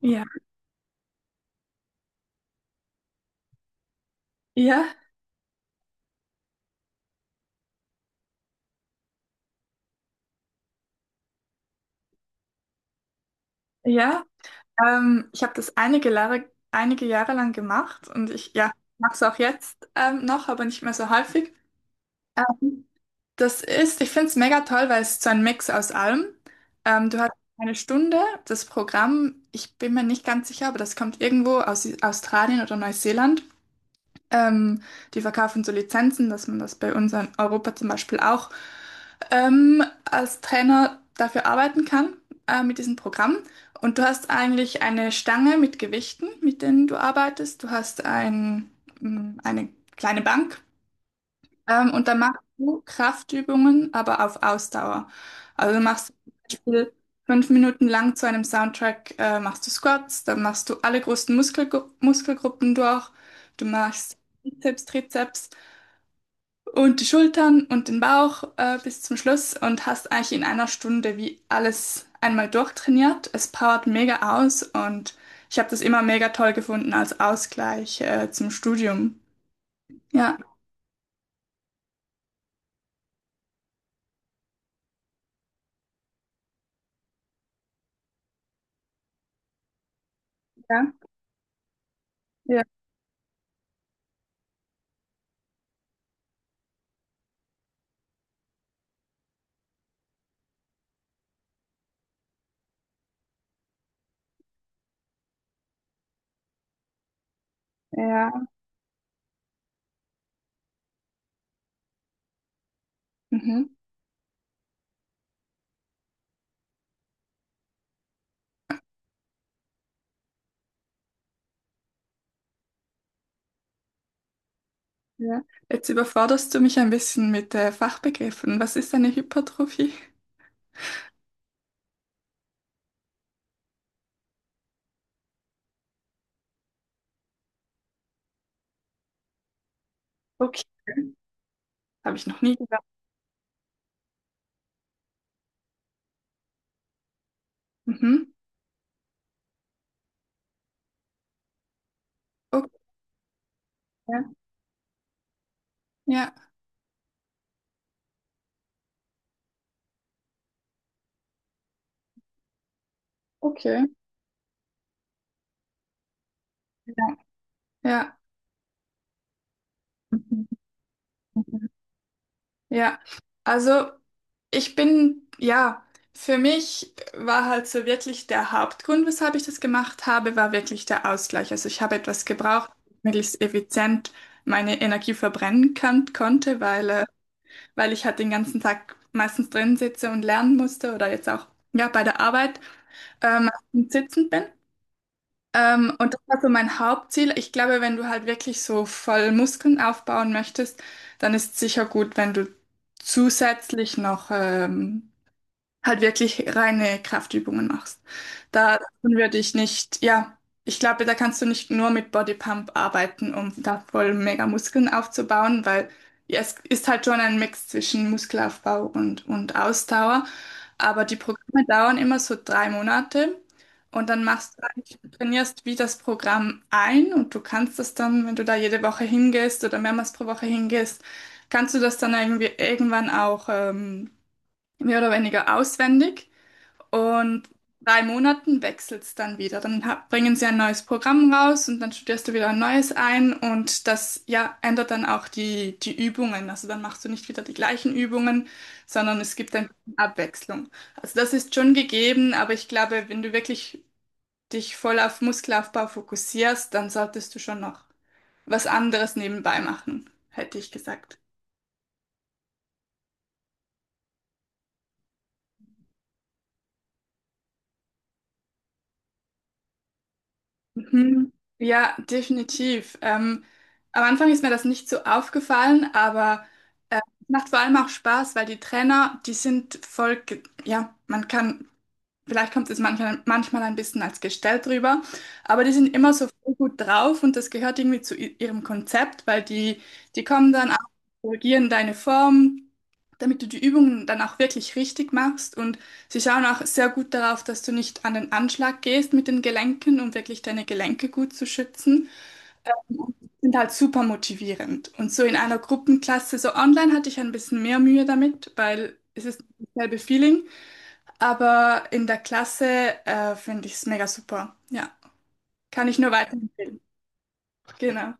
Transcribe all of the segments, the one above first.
Ja, ja, ja. Ich habe das einige Jahre lang gemacht und ich, ja, mache es auch jetzt noch, aber nicht mehr so häufig. Ähm, Ich finde es mega toll, weil es so ein Mix aus allem. Du hast eine Stunde, das Programm, ich bin mir nicht ganz sicher, aber das kommt irgendwo aus Australien oder Neuseeland. Ähm, Die verkaufen so Lizenzen, dass man das bei uns in Europa zum Beispiel auch als Trainer dafür arbeiten kann, mit diesem Programm. Und du hast eigentlich eine Stange mit Gewichten, mit denen du arbeitest. Du hast eine kleine Bank, und dann machst du Kraftübungen, aber auf Ausdauer. Also du machst zum Beispiel 5 Minuten lang zu einem Soundtrack, machst du Squats, dann machst du alle großen Muskelgruppen durch. Du machst Bizeps, Trizeps und die Schultern und den Bauch bis zum Schluss und hast eigentlich in einer Stunde wie alles einmal durchtrainiert. Es powert mega aus und ich habe das immer mega toll gefunden als Ausgleich zum Studium. Ja, ja, ja, ja, mhm, ja. Jetzt überforderst du mich ein bisschen mit Fachbegriffen. Was ist eine Hypertrophie? Okay, habe ich noch nie gehört. Mhm, okay, ja, okay, ja, ja. Mhm. Ja, also ich bin, ja, für mich war halt so wirklich der Hauptgrund, weshalb ich das gemacht habe, war wirklich der Ausgleich. Also ich habe etwas gebraucht, möglichst effizient meine Energie verbrennen kann, konnte, weil ich halt den ganzen Tag meistens drin sitze und lernen musste oder jetzt auch ja, bei der Arbeit sitzend bin. Und das war so mein Hauptziel. Ich glaube, wenn du halt wirklich so voll Muskeln aufbauen möchtest, dann ist sicher gut, wenn du zusätzlich noch halt wirklich reine Kraftübungen machst. Da würde ich nicht, ja, ich glaube, da kannst du nicht nur mit Bodypump arbeiten, um da voll mega Muskeln aufzubauen, weil ja, es ist halt schon ein Mix zwischen Muskelaufbau und Ausdauer. Aber die Programme dauern immer so 3 Monate und dann machst du eigentlich, du trainierst wie das Programm ein und du kannst das dann, wenn du da jede Woche hingehst oder mehrmals pro Woche hingehst, kannst du das dann irgendwie irgendwann auch mehr oder weniger auswendig. Und 3 Monaten wechselt es dann wieder. Dann bringen sie ein neues Programm raus und dann studierst du wieder ein neues ein. Und das, ja, ändert dann auch die Übungen. Also dann machst du nicht wieder die gleichen Übungen, sondern es gibt ein bisschen Abwechslung. Also das ist schon gegeben, aber ich glaube, wenn du wirklich dich voll auf Muskelaufbau fokussierst, dann solltest du schon noch was anderes nebenbei machen, hätte ich gesagt. Mhm. Ja, definitiv. Am Anfang ist mir das nicht so aufgefallen, aber es macht vor allem auch Spaß, weil die Trainer, die sind voll, ge- ja, man kann Vielleicht kommt es manchmal ein bisschen als gestellt rüber, aber die sind immer so voll gut drauf und das gehört irgendwie zu ihrem Konzept, weil die kommen dann auch, korrigieren deine Form, damit du die Übungen dann auch wirklich richtig machst und sie schauen auch sehr gut darauf, dass du nicht an den Anschlag gehst mit den Gelenken, um wirklich deine Gelenke gut zu schützen und sind halt super motivierend. Und so in einer Gruppenklasse, so online hatte ich ein bisschen mehr Mühe damit, weil es ist nicht dasselbe Feeling. Aber in der Klasse finde ich es mega super. Ja, kann ich nur weiterempfehlen. Genau,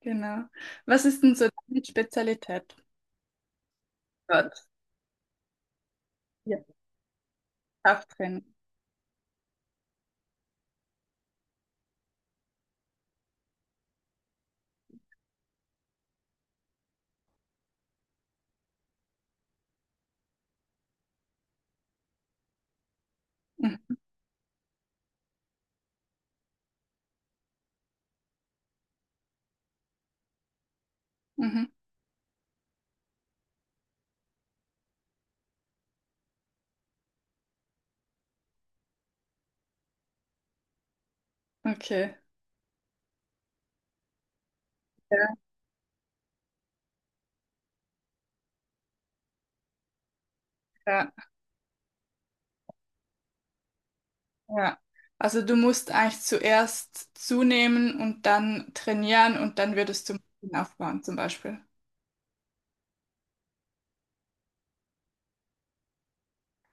genau. Was ist denn so deine Spezialität dort? Ja. Krafttraining. Mhm. Mhm. Okay. Ja, ja, ja. Also du musst eigentlich zuerst zunehmen und dann trainieren und dann würdest du Muskeln aufbauen zum Beispiel.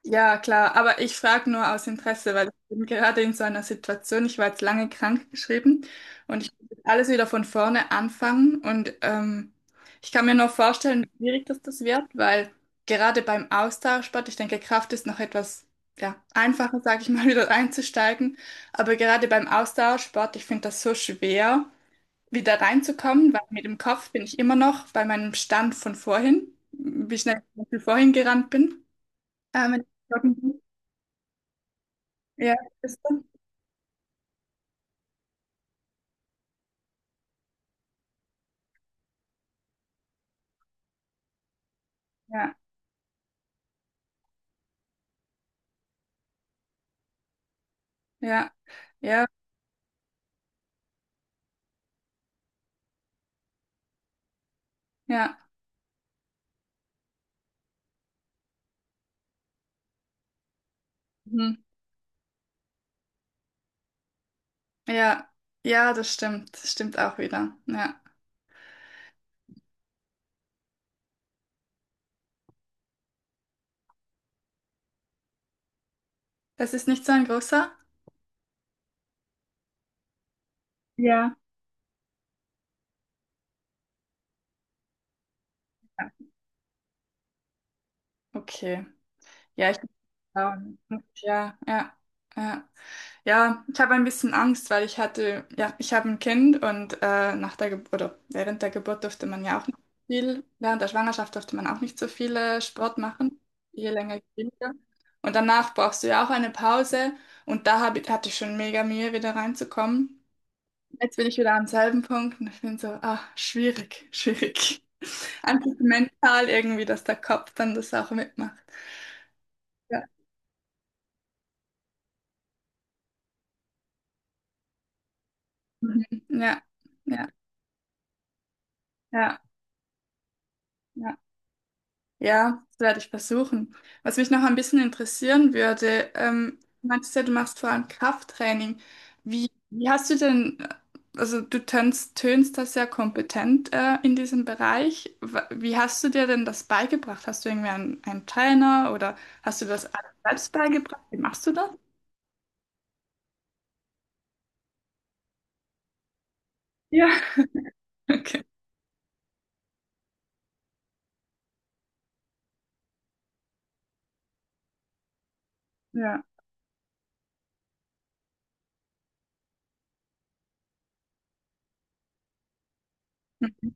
Ja, klar, aber ich frage nur aus Interesse, weil ich bin gerade in so einer Situation, ich war jetzt lange krankgeschrieben und ich muss jetzt alles wieder von vorne anfangen und ich kann mir nur vorstellen, wie schwierig das wird, weil gerade beim Austauschsport, ich denke, Kraft ist noch etwas ja, einfacher, sage ich mal, wieder einzusteigen, aber gerade beim Austauschsport, ich finde das so schwer, wieder reinzukommen, weil mit dem Kopf bin ich immer noch bei meinem Stand von vorhin, wie schnell ich zum Beispiel vorhin gerannt bin. Ähm, ja, ist so. Ja, ja, ja, ja, mhm. Ja, ja, das stimmt. Das stimmt auch wieder. Ja. Das ist nicht so ein großer? Ja. Ja, okay. Ja, ich glaube. Ja, ja, ja. Ja, ich habe ein bisschen Angst, weil ich hatte, ja, ich habe ein Kind und nach der Geburt oder während der Geburt durfte man ja auch nicht so viel, während der Schwangerschaft durfte man auch nicht so viel Sport machen, je länger, je weniger. Und danach brauchst du ja auch eine Pause und da hatte ich schon mega Mühe, wieder reinzukommen. Jetzt bin ich wieder am selben Punkt und ich bin so, ah, schwierig, schwierig. Einfach mental irgendwie, dass der Kopf dann das auch mitmacht. Ja. Mhm. Ja, ja, ja. Ja. Ja, das werde ich versuchen. Was mich noch ein bisschen interessieren würde, du meintest ja, du machst vor allem Krafttraining. Wie hast du denn, also du tönst da sehr kompetent in diesem Bereich. Wie hast du dir denn das beigebracht? Hast du irgendwie einen Trainer oder hast du das alles selbst beigebracht? Wie machst du das? Ja, okay. Ja. Mhm.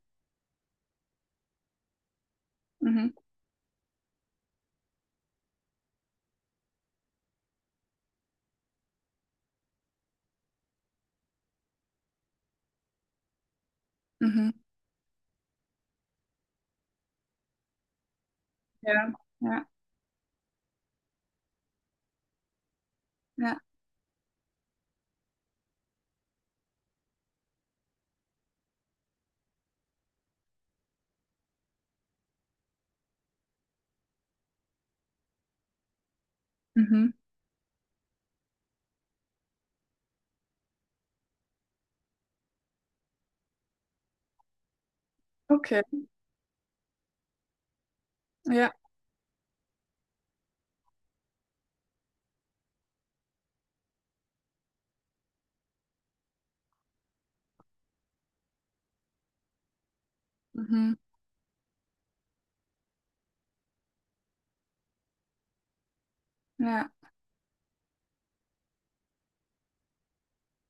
Mhm. Mhm. Ja. Ja. Ja. Mhm. Okay. Ja. Mhm. Ja.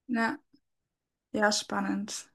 Ja. Ja, spannend.